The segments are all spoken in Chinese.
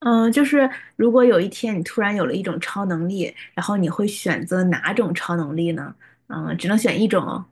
嗯，就是如果有一天你突然有了一种超能力，然后你会选择哪种超能力呢？只能选一种哦。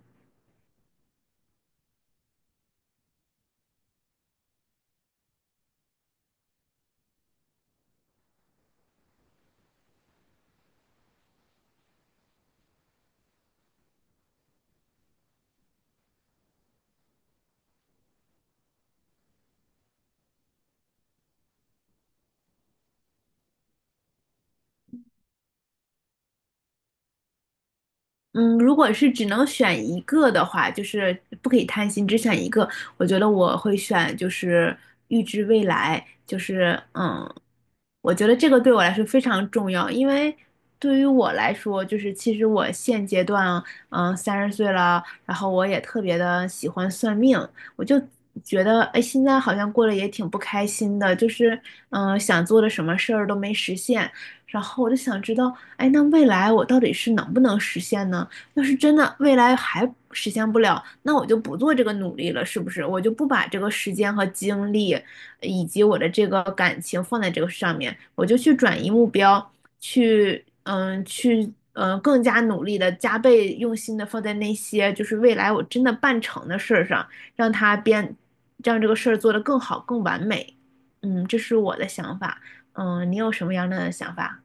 嗯，如果是只能选一个的话，就是不可以贪心，只选一个。我觉得我会选，就是预知未来，就是我觉得这个对我来说非常重要，因为对于我来说，就是其实我现阶段，30岁了，然后我也特别的喜欢算命。我就觉得，哎，现在好像过得也挺不开心的，就是想做的什么事儿都没实现。然后我就想知道，哎，那未来我到底是能不能实现呢？要是真的未来还实现不了，那我就不做这个努力了，是不是？我就不把这个时间和精力，以及我的这个感情放在这个上面，我就去转移目标，去更加努力的加倍用心的放在那些就是未来我真的办成的事儿上，让它变，让这个事儿做得更好、更完美。这是我的想法。你有什么样的想法？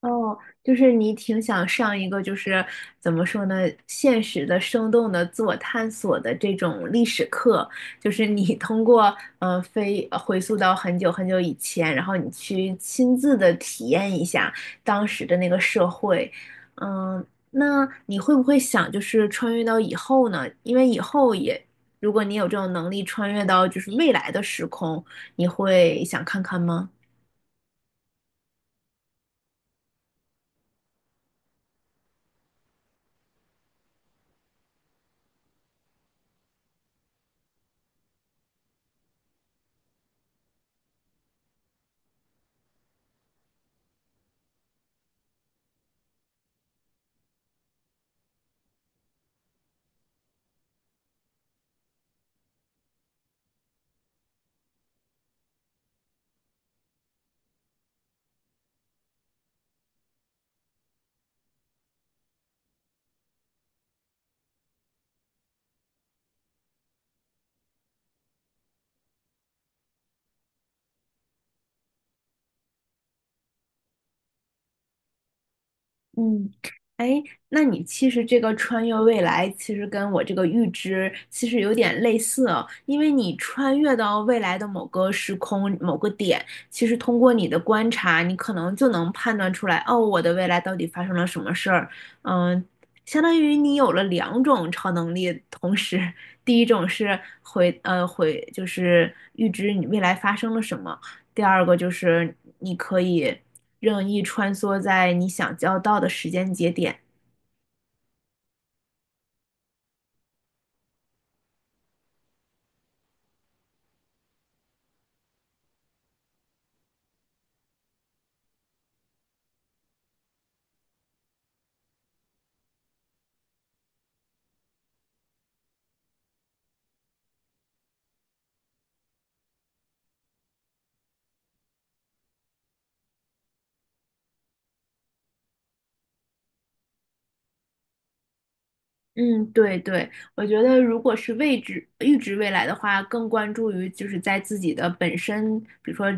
哦，就是你挺想上一个，就是怎么说呢，现实的、生动的、自我探索的这种历史课。就是你通过嗯呃飞呃回溯到很久很久以前，然后你去亲自的体验一下当时的那个社会。嗯，那你会不会想就是穿越到以后呢？因为以后也，如果你有这种能力穿越到就是未来的时空，你会想看看吗？嗯，哎，那你其实这个穿越未来，其实跟我这个预知其实有点类似哦。因为你穿越到未来的某个时空、某个点，其实通过你的观察，你可能就能判断出来，哦，我的未来到底发生了什么事儿。嗯，相当于你有了两种超能力，同时，第一种是回呃回就是预知你未来发生了什么，第二个就是你可以任意穿梭在你想交到的时间节点。嗯，对对，我觉得如果是预知未来的话，更关注于就是在自己的本身，比如说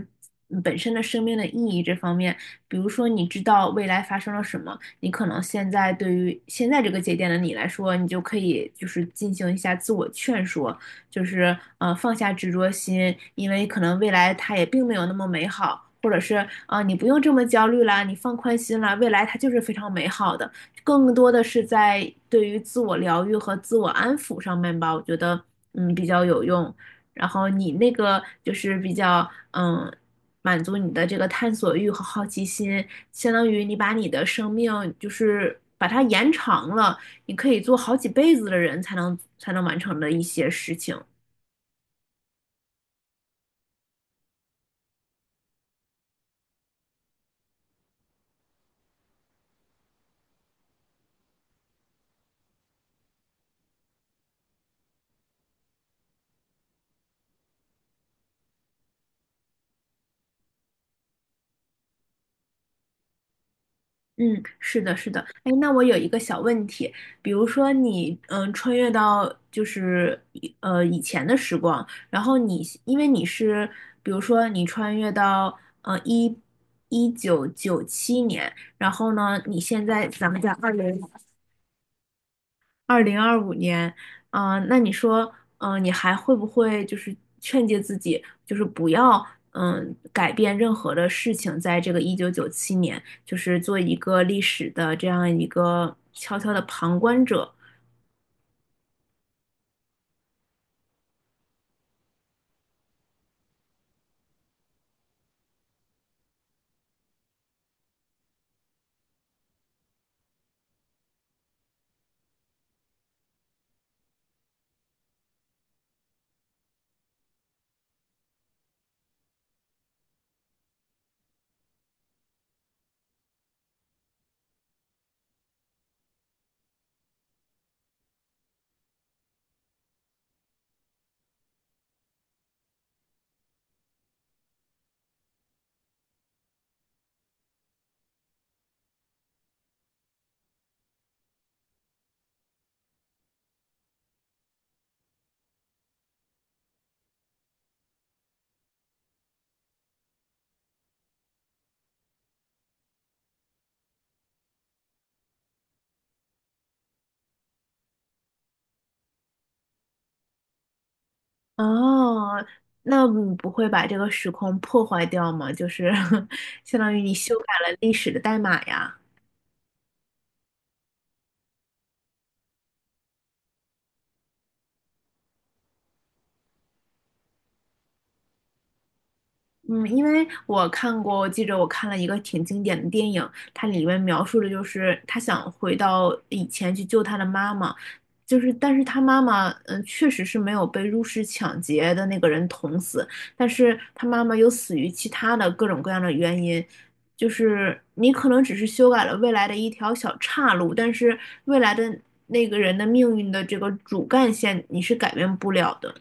本身的生命的意义这方面。比如说，你知道未来发生了什么，你可能现在对于现在这个节点的你来说，你就可以就是进行一下自我劝说，就是放下执着心，因为可能未来它也并没有那么美好，或者是你不用这么焦虑啦，你放宽心啦，未来它就是非常美好的。更多的是在对于自我疗愈和自我安抚上面吧，我觉得比较有用。然后你那个就是比较满足你的这个探索欲和好奇心，相当于你把你的生命就是把它延长了，你可以做好几辈子的人才能完成的一些事情。嗯，是的，是的。哎，那我有一个小问题，比如说你，穿越到就是以前的时光，然后你因为你是，比如说你穿越到一九九七年，然后呢，你现在咱们在二零二五年，那你说，你还会不会就是劝诫自己，就是不要，改变任何的事情，在这个一九九七年，就是做一个历史的这样一个悄悄的旁观者。哦，那你不会把这个时空破坏掉吗？就是 相当于你修改了历史的代码呀。嗯，因为我看过，我记着我看了一个挺经典的电影，它里面描述的就是他想回到以前去救他的妈妈。就是但是他妈妈，确实是没有被入室抢劫的那个人捅死，但是他妈妈又死于其他的各种各样的原因。就是你可能只是修改了未来的一条小岔路，但是未来的那个人的命运的这个主干线你是改变不了的。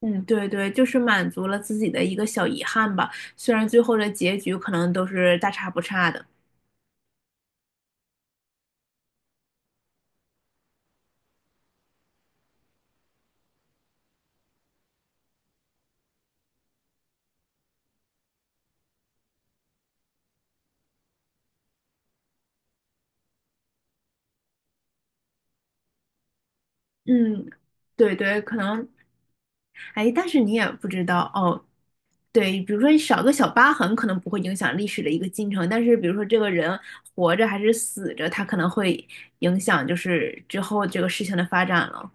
嗯，对对，就是满足了自己的一个小遗憾吧。虽然最后的结局可能都是大差不差的，嗯，对对，可能，哎，但是你也不知道哦。对，比如说少个小疤痕，可能不会影响历史的一个进程，但是比如说这个人活着还是死着，他可能会影响就是之后这个事情的发展了。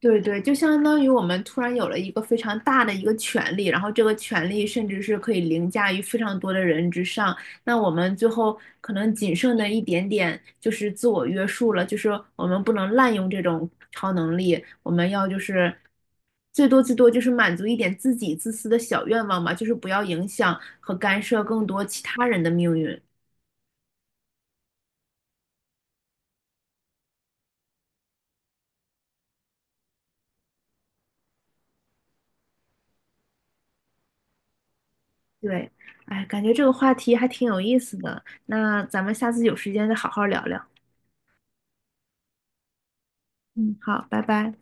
对对，就相当于我们突然有了一个非常大的一个权利，然后这个权利甚至是可以凌驾于非常多的人之上。那我们最后可能仅剩的一点点就是自我约束了，就是我们不能滥用这种超能力，我们要就是最多最多就是满足一点自己自私的小愿望吧，就是不要影响和干涉更多其他人的命运。对，哎，感觉这个话题还挺有意思的，那咱们下次有时间再好好聊聊。嗯，好，拜拜。